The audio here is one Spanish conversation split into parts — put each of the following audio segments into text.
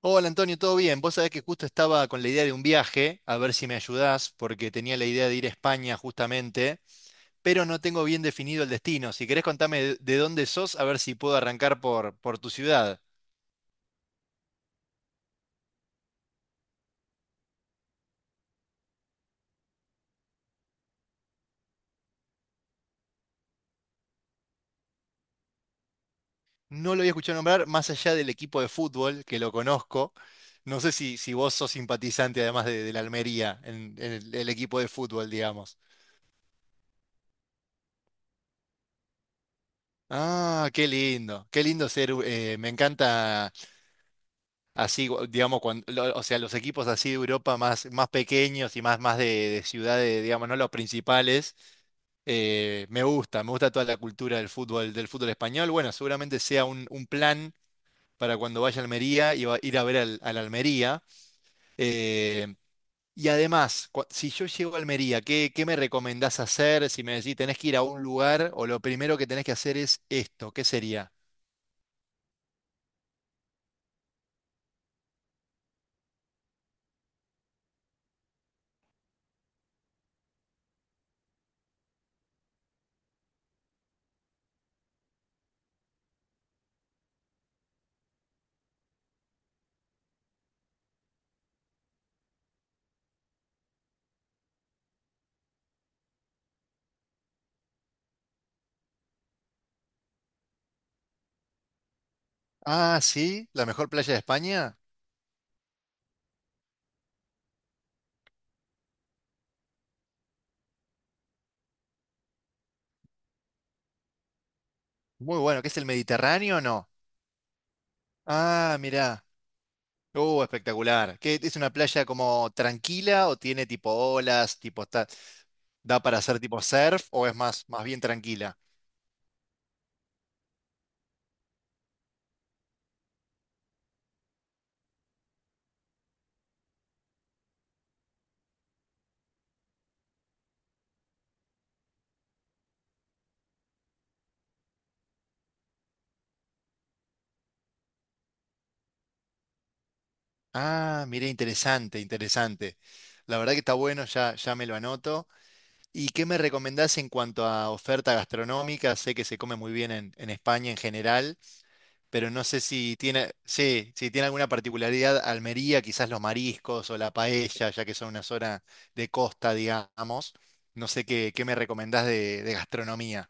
Hola Antonio, ¿todo bien? Vos sabés que justo estaba con la idea de un viaje, a ver si me ayudás, porque tenía la idea de ir a España justamente, pero no tengo bien definido el destino. Si querés contame de dónde sos, a ver si puedo arrancar por tu ciudad. No lo había escuchado nombrar más allá del equipo de fútbol, que lo conozco. No sé si vos sos simpatizante además de la Almería, en el equipo de fútbol, digamos. Ah, qué lindo ser, me encanta. Así, digamos, cuando, o sea, los equipos así de Europa más, más pequeños y más, más de ciudades, digamos, no los principales, me gusta toda la cultura del fútbol español. Bueno, seguramente sea un plan para cuando vaya a Almería y ir a ver al Almería. Eh, y además, si yo llego a Almería, qué me recomendás hacer? Si me decís, tenés que ir a un lugar o lo primero que tenés que hacer es esto, ¿qué sería? Ah, sí, la mejor playa de España. Muy bueno, ¿qué es el Mediterráneo o no? Ah, mirá. Espectacular. ¿Qué, es una playa como tranquila o tiene tipo olas, tipo está, da para hacer tipo surf o es más, más bien tranquila? Ah, mirá, interesante, interesante. La verdad que está bueno, ya, ya me lo anoto. ¿Y qué me recomendás en cuanto a oferta gastronómica? Sé que se come muy bien en España en general. Pero no sé si tiene, sí, si tiene alguna particularidad Almería, quizás los mariscos o la paella, ya que son una zona de costa, digamos. No sé qué me recomendás de gastronomía.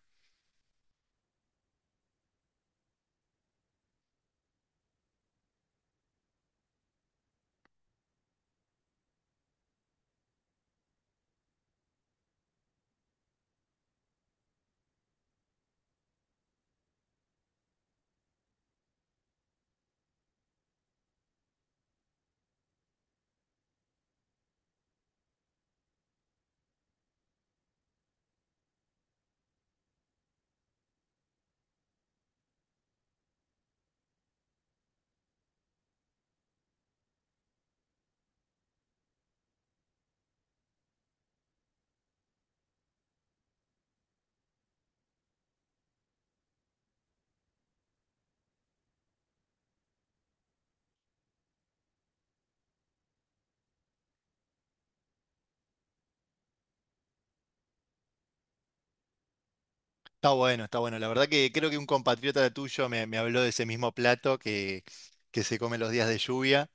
Está bueno, está bueno. La verdad que creo que un compatriota tuyo me habló de ese mismo plato que se come los días de lluvia.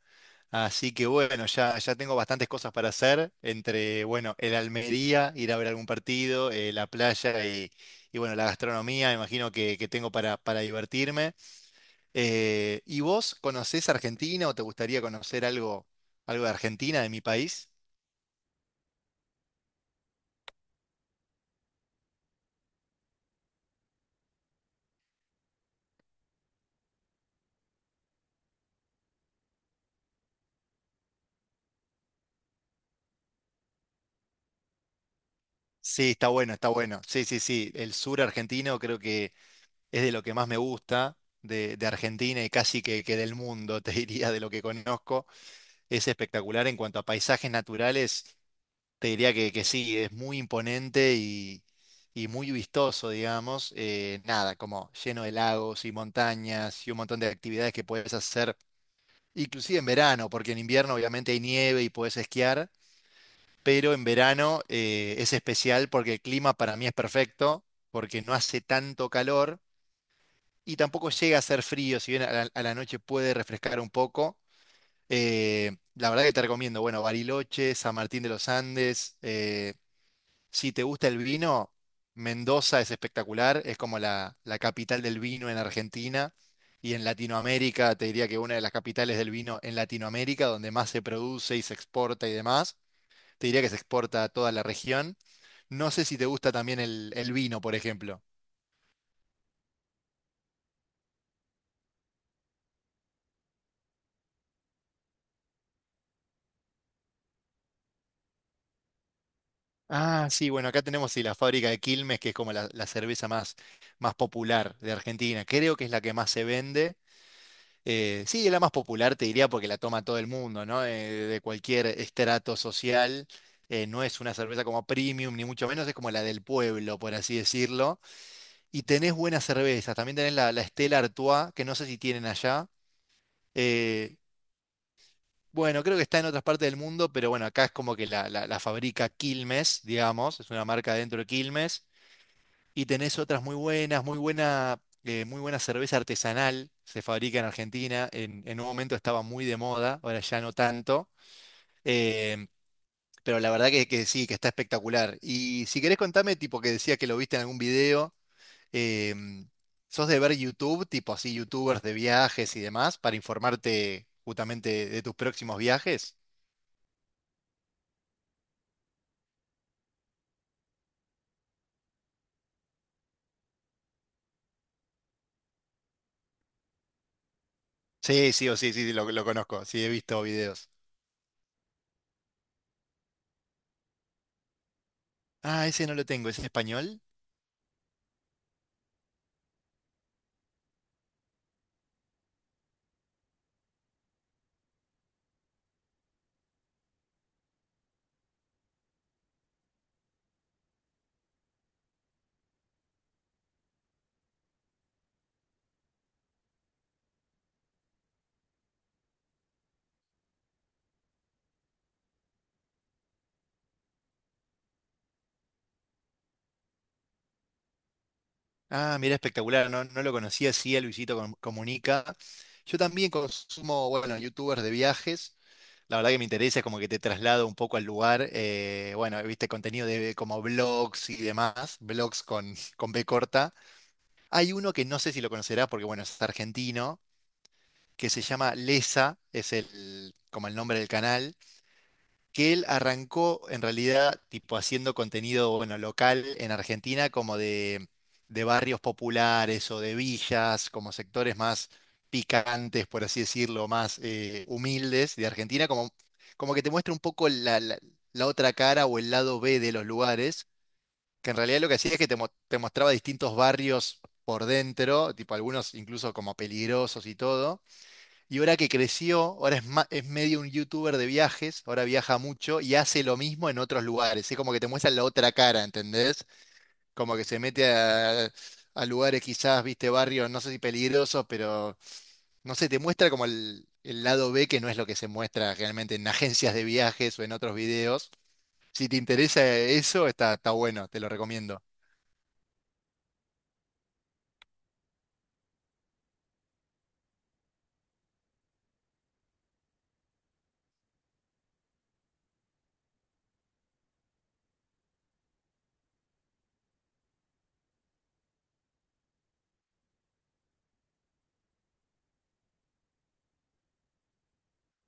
Así que bueno, ya, ya tengo bastantes cosas para hacer entre, bueno, el Almería, ir a ver algún partido, la playa y, bueno, la gastronomía, imagino que tengo para divertirme. ¿Y vos conocés Argentina o te gustaría conocer algo, algo de Argentina, de mi país? Sí, está bueno, está bueno. Sí, sí, sí. El sur argentino creo que es de lo que más me gusta de Argentina y casi que del mundo, te diría, de lo que conozco. Es espectacular en cuanto a paisajes naturales, te diría que sí, es muy imponente y muy vistoso, digamos. Nada, como lleno de lagos y montañas y un montón de actividades que puedes hacer. Inclusive en verano, porque en invierno obviamente hay nieve y puedes esquiar, pero en verano es especial porque el clima para mí es perfecto, porque no hace tanto calor y tampoco llega a ser frío, si bien a la noche puede refrescar un poco. La verdad que te recomiendo, bueno, Bariloche, San Martín de los Andes, si te gusta el vino, Mendoza es espectacular, es como la capital del vino en Argentina y en Latinoamérica, te diría que una de las capitales del vino en Latinoamérica, donde más se produce y se exporta y demás, te diría que se exporta a toda la región. No sé si te gusta también el vino, por ejemplo. Ah, sí, bueno, acá tenemos sí, la fábrica de Quilmes, que es como la cerveza más, más popular de Argentina. Creo que es la que más se vende. Sí, es la más popular, te diría, porque la toma todo el mundo, ¿no? De cualquier estrato social. No es una cerveza como premium, ni mucho menos, es como la del pueblo, por así decirlo. Y tenés buenas cervezas. También tenés la, la Stella Artois, que no sé si tienen allá. Eh, bueno, creo que está en otras partes del mundo, pero bueno, acá es como que la, la fabrica Quilmes, digamos. Es una marca dentro de Quilmes. Y tenés otras muy buenas, muy buena cerveza artesanal, se fabrica en Argentina, en un momento estaba muy de moda, ahora ya no tanto, em, pero la verdad que sí, que está espectacular. Y si querés contame, tipo que decía que lo viste en algún video, em, ¿sos de ver YouTube, tipo así, youtubers de viajes y demás, para informarte justamente de tus próximos viajes? Sí, sí, o sí, sí, sí, lo conozco, sí, he visto videos. Ah, ese no lo tengo, ¿es en español? Ah, mira, espectacular. No, no lo conocía, sí, a Luisito Comunica. Yo también consumo, bueno, youtubers de viajes. La verdad que me interesa, es como que te traslado un poco al lugar. Bueno, viste contenido de como blogs y demás, blogs con, con B corta. Hay uno que no sé si lo conocerás porque, bueno, es argentino, que se llama Lesa, es el, como el nombre del canal que él arrancó en realidad tipo haciendo contenido, bueno, local en Argentina, como de barrios populares o de villas, como sectores más picantes, por así decirlo, más humildes de Argentina, como, como que te muestra un poco la, la otra cara o el lado B de los lugares, que en realidad lo que hacía es que te, te mostraba distintos barrios por dentro, tipo algunos incluso como peligrosos y todo y ahora que creció, ahora es, es medio un youtuber de viajes, ahora viaja mucho y hace lo mismo en otros lugares. Es como que te muestran la otra cara, ¿entendés? Como que se mete a lugares quizás, viste, barrios, no sé si peligrosos, pero no sé, te muestra como el lado B que no es lo que se muestra generalmente en agencias de viajes o en otros videos. Si te interesa eso, está, está bueno, te lo recomiendo.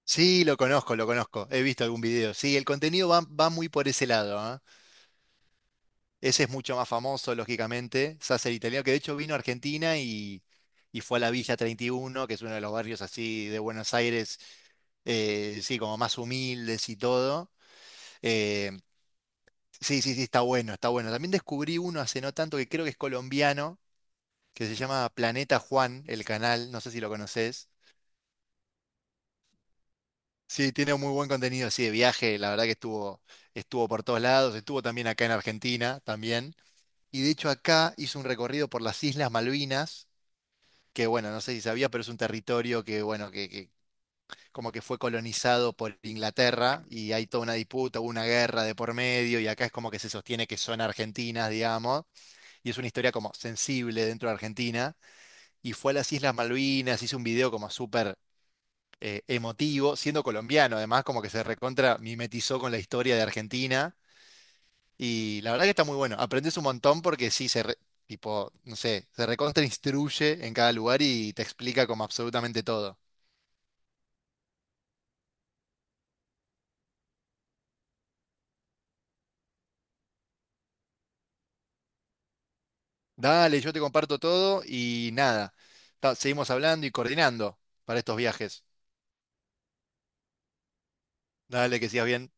Sí, lo conozco, lo conozco. He visto algún video. Sí, el contenido va, va muy por ese lado, ¿eh? Ese es mucho más famoso, lógicamente. Sasser italiano, que de hecho vino a Argentina y fue a la Villa 31, que es uno de los barrios así de Buenos Aires, sí, como más humildes y todo. Eh, sí, sí, sí, está bueno, está bueno. También descubrí uno hace no tanto que creo que es colombiano, que se llama Planeta Juan, el canal, no sé si lo conoces. Sí, tiene muy buen contenido, sí, de viaje, la verdad que estuvo, estuvo por todos lados, estuvo también acá en Argentina, también. Y de hecho acá hizo un recorrido por las Islas Malvinas que bueno, no sé si sabía, pero es un territorio que, bueno, que como que fue colonizado por Inglaterra y hay toda una disputa, hubo una guerra de por medio y acá es como que se sostiene que son argentinas, digamos, y es una historia como sensible dentro de Argentina y fue a las Islas Malvinas, hizo un video como súper emotivo, siendo colombiano además, como que se recontra mimetizó con la historia de Argentina y la verdad que está muy bueno, aprendes un montón porque sí, Tipo, no sé, se recontra instruye en cada lugar y te explica como absolutamente todo. Dale, yo te comparto todo y nada. Seguimos hablando y coordinando para estos viajes. Dale, que sigas bien.